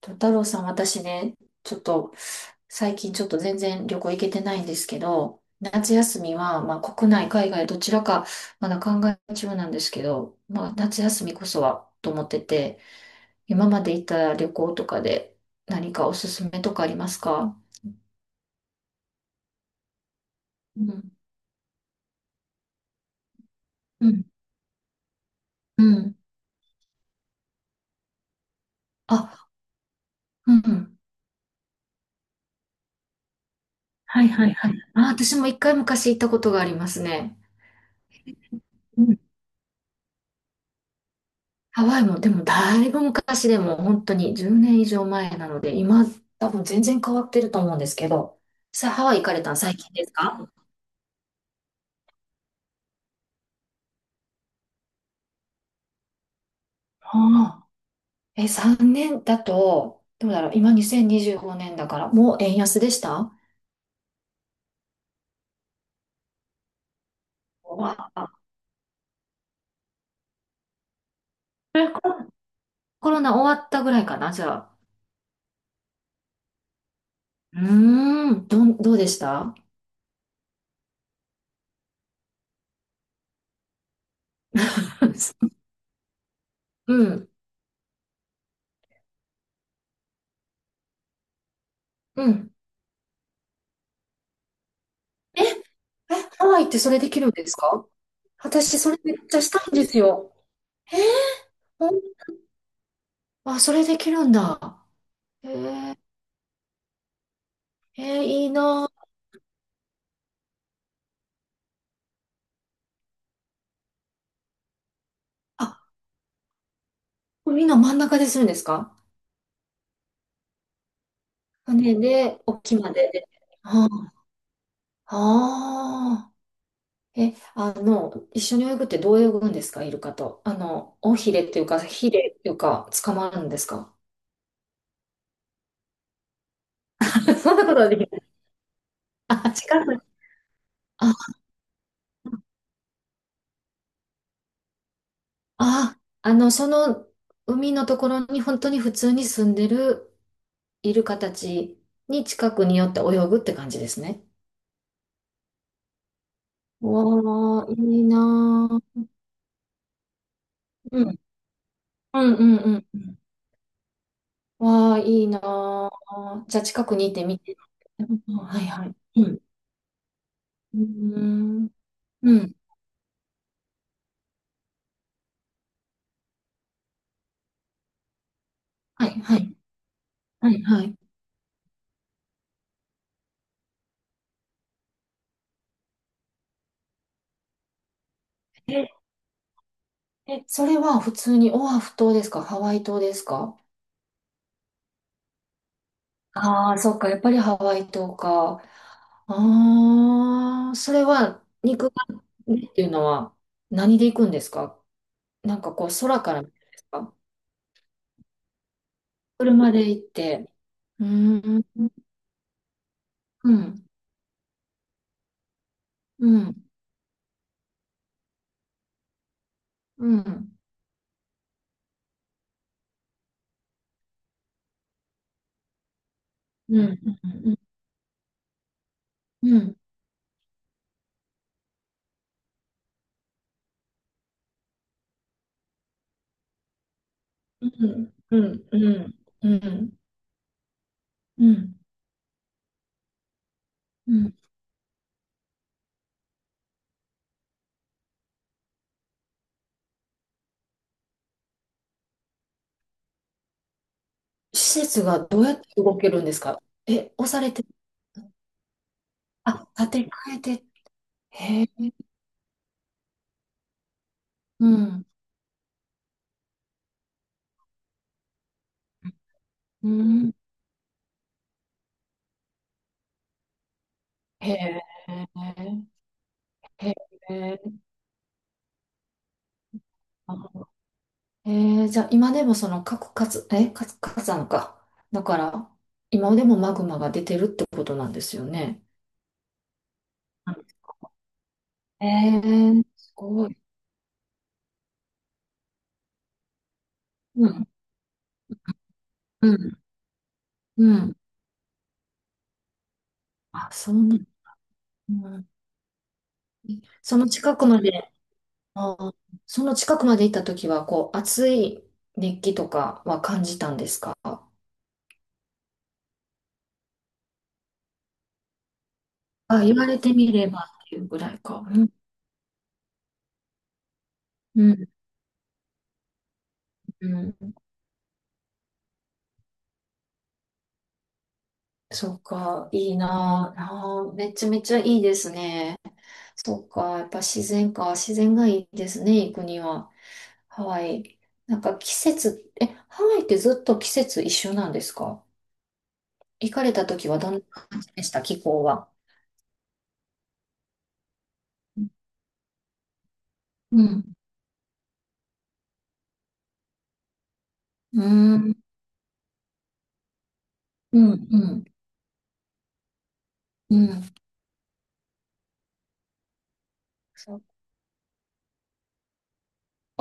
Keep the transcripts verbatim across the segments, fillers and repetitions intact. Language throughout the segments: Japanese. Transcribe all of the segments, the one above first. と、太郎さん、私ね、ちょっと、最近ちょっと全然旅行行けてないんですけど、夏休みは、まあ、国内、海外、どちらか、まだ考え中なんですけど、まあ、夏休みこそは、と思ってて、今まで行った旅行とかで、何かおすすめとかありますか？うん、うん、うん。あ、うん。はいはいはい。あ、私もいっかい昔行ったことがありますね。ハワイも、でもだいぶ昔でも本当にじゅうねん以上前なので、今多分全然変わってると思うんですけど、さ、ハワイ行かれたの最近ですか？ああ。え、さんねんだと、どうだろう、今にせんにじゅうごねんだから、もう円安でした？うわあ。えココロナ終わったぐらいかな、じゃあ。うーん、どん、どうでした？ うん、うん。え、え、ハワイってそれできるんですか？私、それめっちゃしたいんですよ。えーほんあ、それできるんだ。へえ。えーいいなあ。あ、これみんな真ん中でするんですか？船で、沖までで。ああー。え、あの、一緒に泳ぐってどう泳ぐんですか、イルカと。あの、尾ひれっていうか、ひれっていうか、捕まるんですか？ そんなことはできない。あ、近く。あ、あ、あの、その海のところに本当に普通に住んでるイルカたちに近くに寄って泳ぐって感じですね。わあ、いいなあ。うん、うん、うん、うん。わあ、いいなあ。じゃあ近くにいてみて。うん。はいはい。うん。うーん。うん。はいはい。はいはい。え、え、それは普通にオアフ島ですかハワイ島ですか？ああー、そっか。やっぱりハワイ島か。ああ、それは肉眼でっていうのは何で行くんですか？なんかこう空から見るんですか？車で行って。うーん。うん。うん。うん。うん。うん。うん。うん。うん、うん、うん、うん、うん、うん。施設がどうやって動けるんですか？え、押されて、あ、建て替えて、へえ、うん、うん、へえ、へえ、なるほど。へ。じゃあ今でもその核活、え、活火山か。だから、今でもマグマが出てるってことなんですよね。うん。えー、すごい。うん、うん、うん。あ、そうなん、うん。その近くまで。あー。その近くまで行った時は、こう、暑い熱気とかは感じたんですか？あ、言われてみればっていうぐらいか。うん、うん、うん。そうか、いいなあ。あーめちゃめちゃいいですね。そうか、やっぱ自然か。自然がいいですね、行くには。ハワイ。なんか季節、え、ハワイってずっと季節一緒なんですか？行かれた時はどんな感じでした、気候は。うん。うん。うん。うん。うん。そう。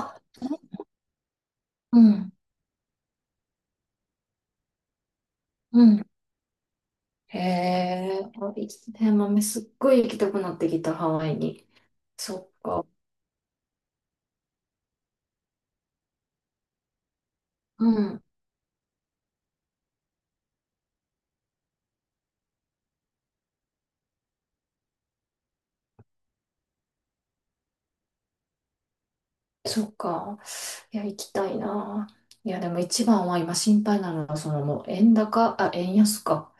あ、うん、うん。へえ、あ、いいですね。豆すっごい行きたくなってきた、ハワイに。そっか。うん、そっか。いや、行きたいな。いや、でも一番は今心配なのは、そのもう円高、あ、円安か。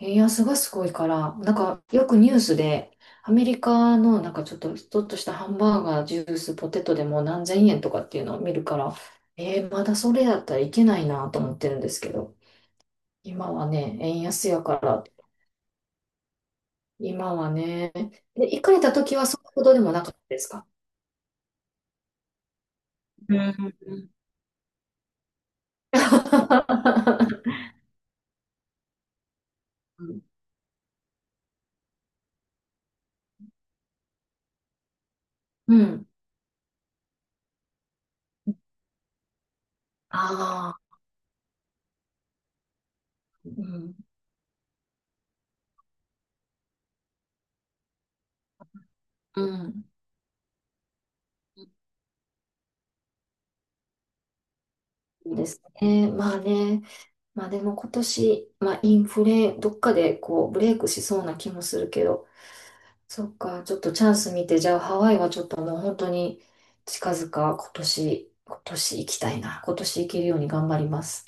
円安がすごいから、なんかよくニュースで、アメリカのなんかちょっと、ちょっとしたハンバーガー、ジュース、ポテトでもなんぜんえんとかっていうのを見るから、えー、まだそれだったらいけないなと思ってるんですけど。今はね、円安やから、今はね、で、行かれた時はそれほどでもなかったですか？うん。うん。ああ、うん、うん。そうですね。まあね。まあでも今年、まあインフレ、どっかでこうブレイクしそうな気もするけど、そっか、ちょっとチャンス見て、じゃあハワイはちょっともう本当に近々今年、今年行きたいな。今年行けるように頑張ります。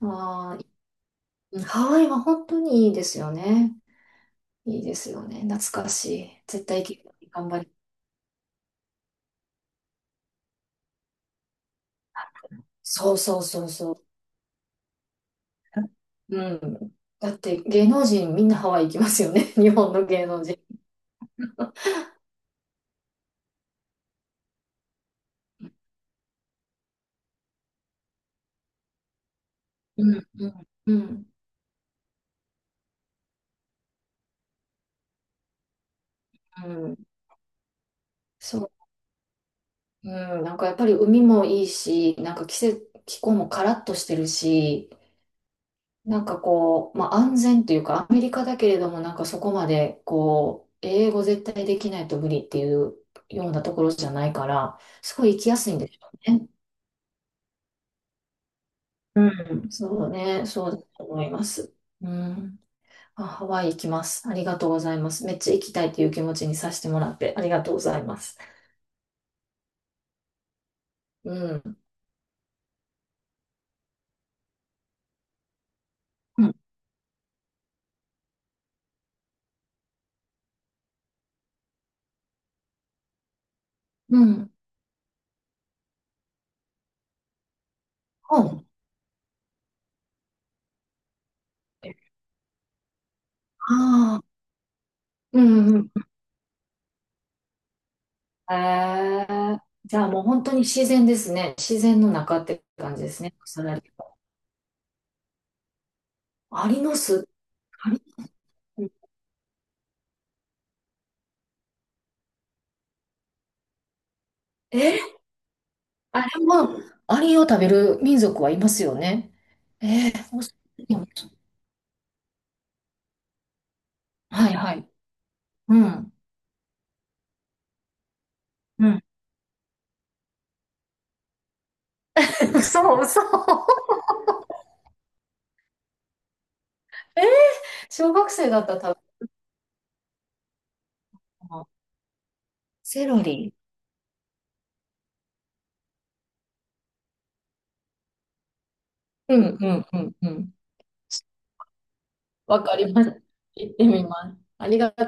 ああ。うん。ハワイは本当にいいですよね。いいですよね。懐かしい。絶対行けるように頑張り。そうそうそうそう。うん。だって芸能人みんなハワイ行きますよね。日本の芸能人。うん、うん、うん、うん。そう。うん。なんかやっぱり海もいいし、なんか季節、気候もカラッとしてるし、なんかこう、まあ、安全というか、アメリカだけれども、なんかそこまで、こう、英語絶対できないと無理っていうようなところじゃないから、すごい行きやすいんでしょうね。うん。そうね、そうだと思います。うん。あ、ハワイ行きます。ありがとうございます。めっちゃ行きたいっていう気持ちにさせてもらって、ありがとうございます。うん。うん。うん。本。ああ、うんうん。へえ。じゃあもう本当に自然ですね。自然の中って感じですね。草だらけ。アリの巣、アリ、え。あれもアリを食べる民族はいますよね。えー、オーストラリアもそう。はいはい。うん。うん。そう、そう。えー、小学生だったら食べたの。セロリ。うん、うん、うん、うん。わかります。行ってみます。ありが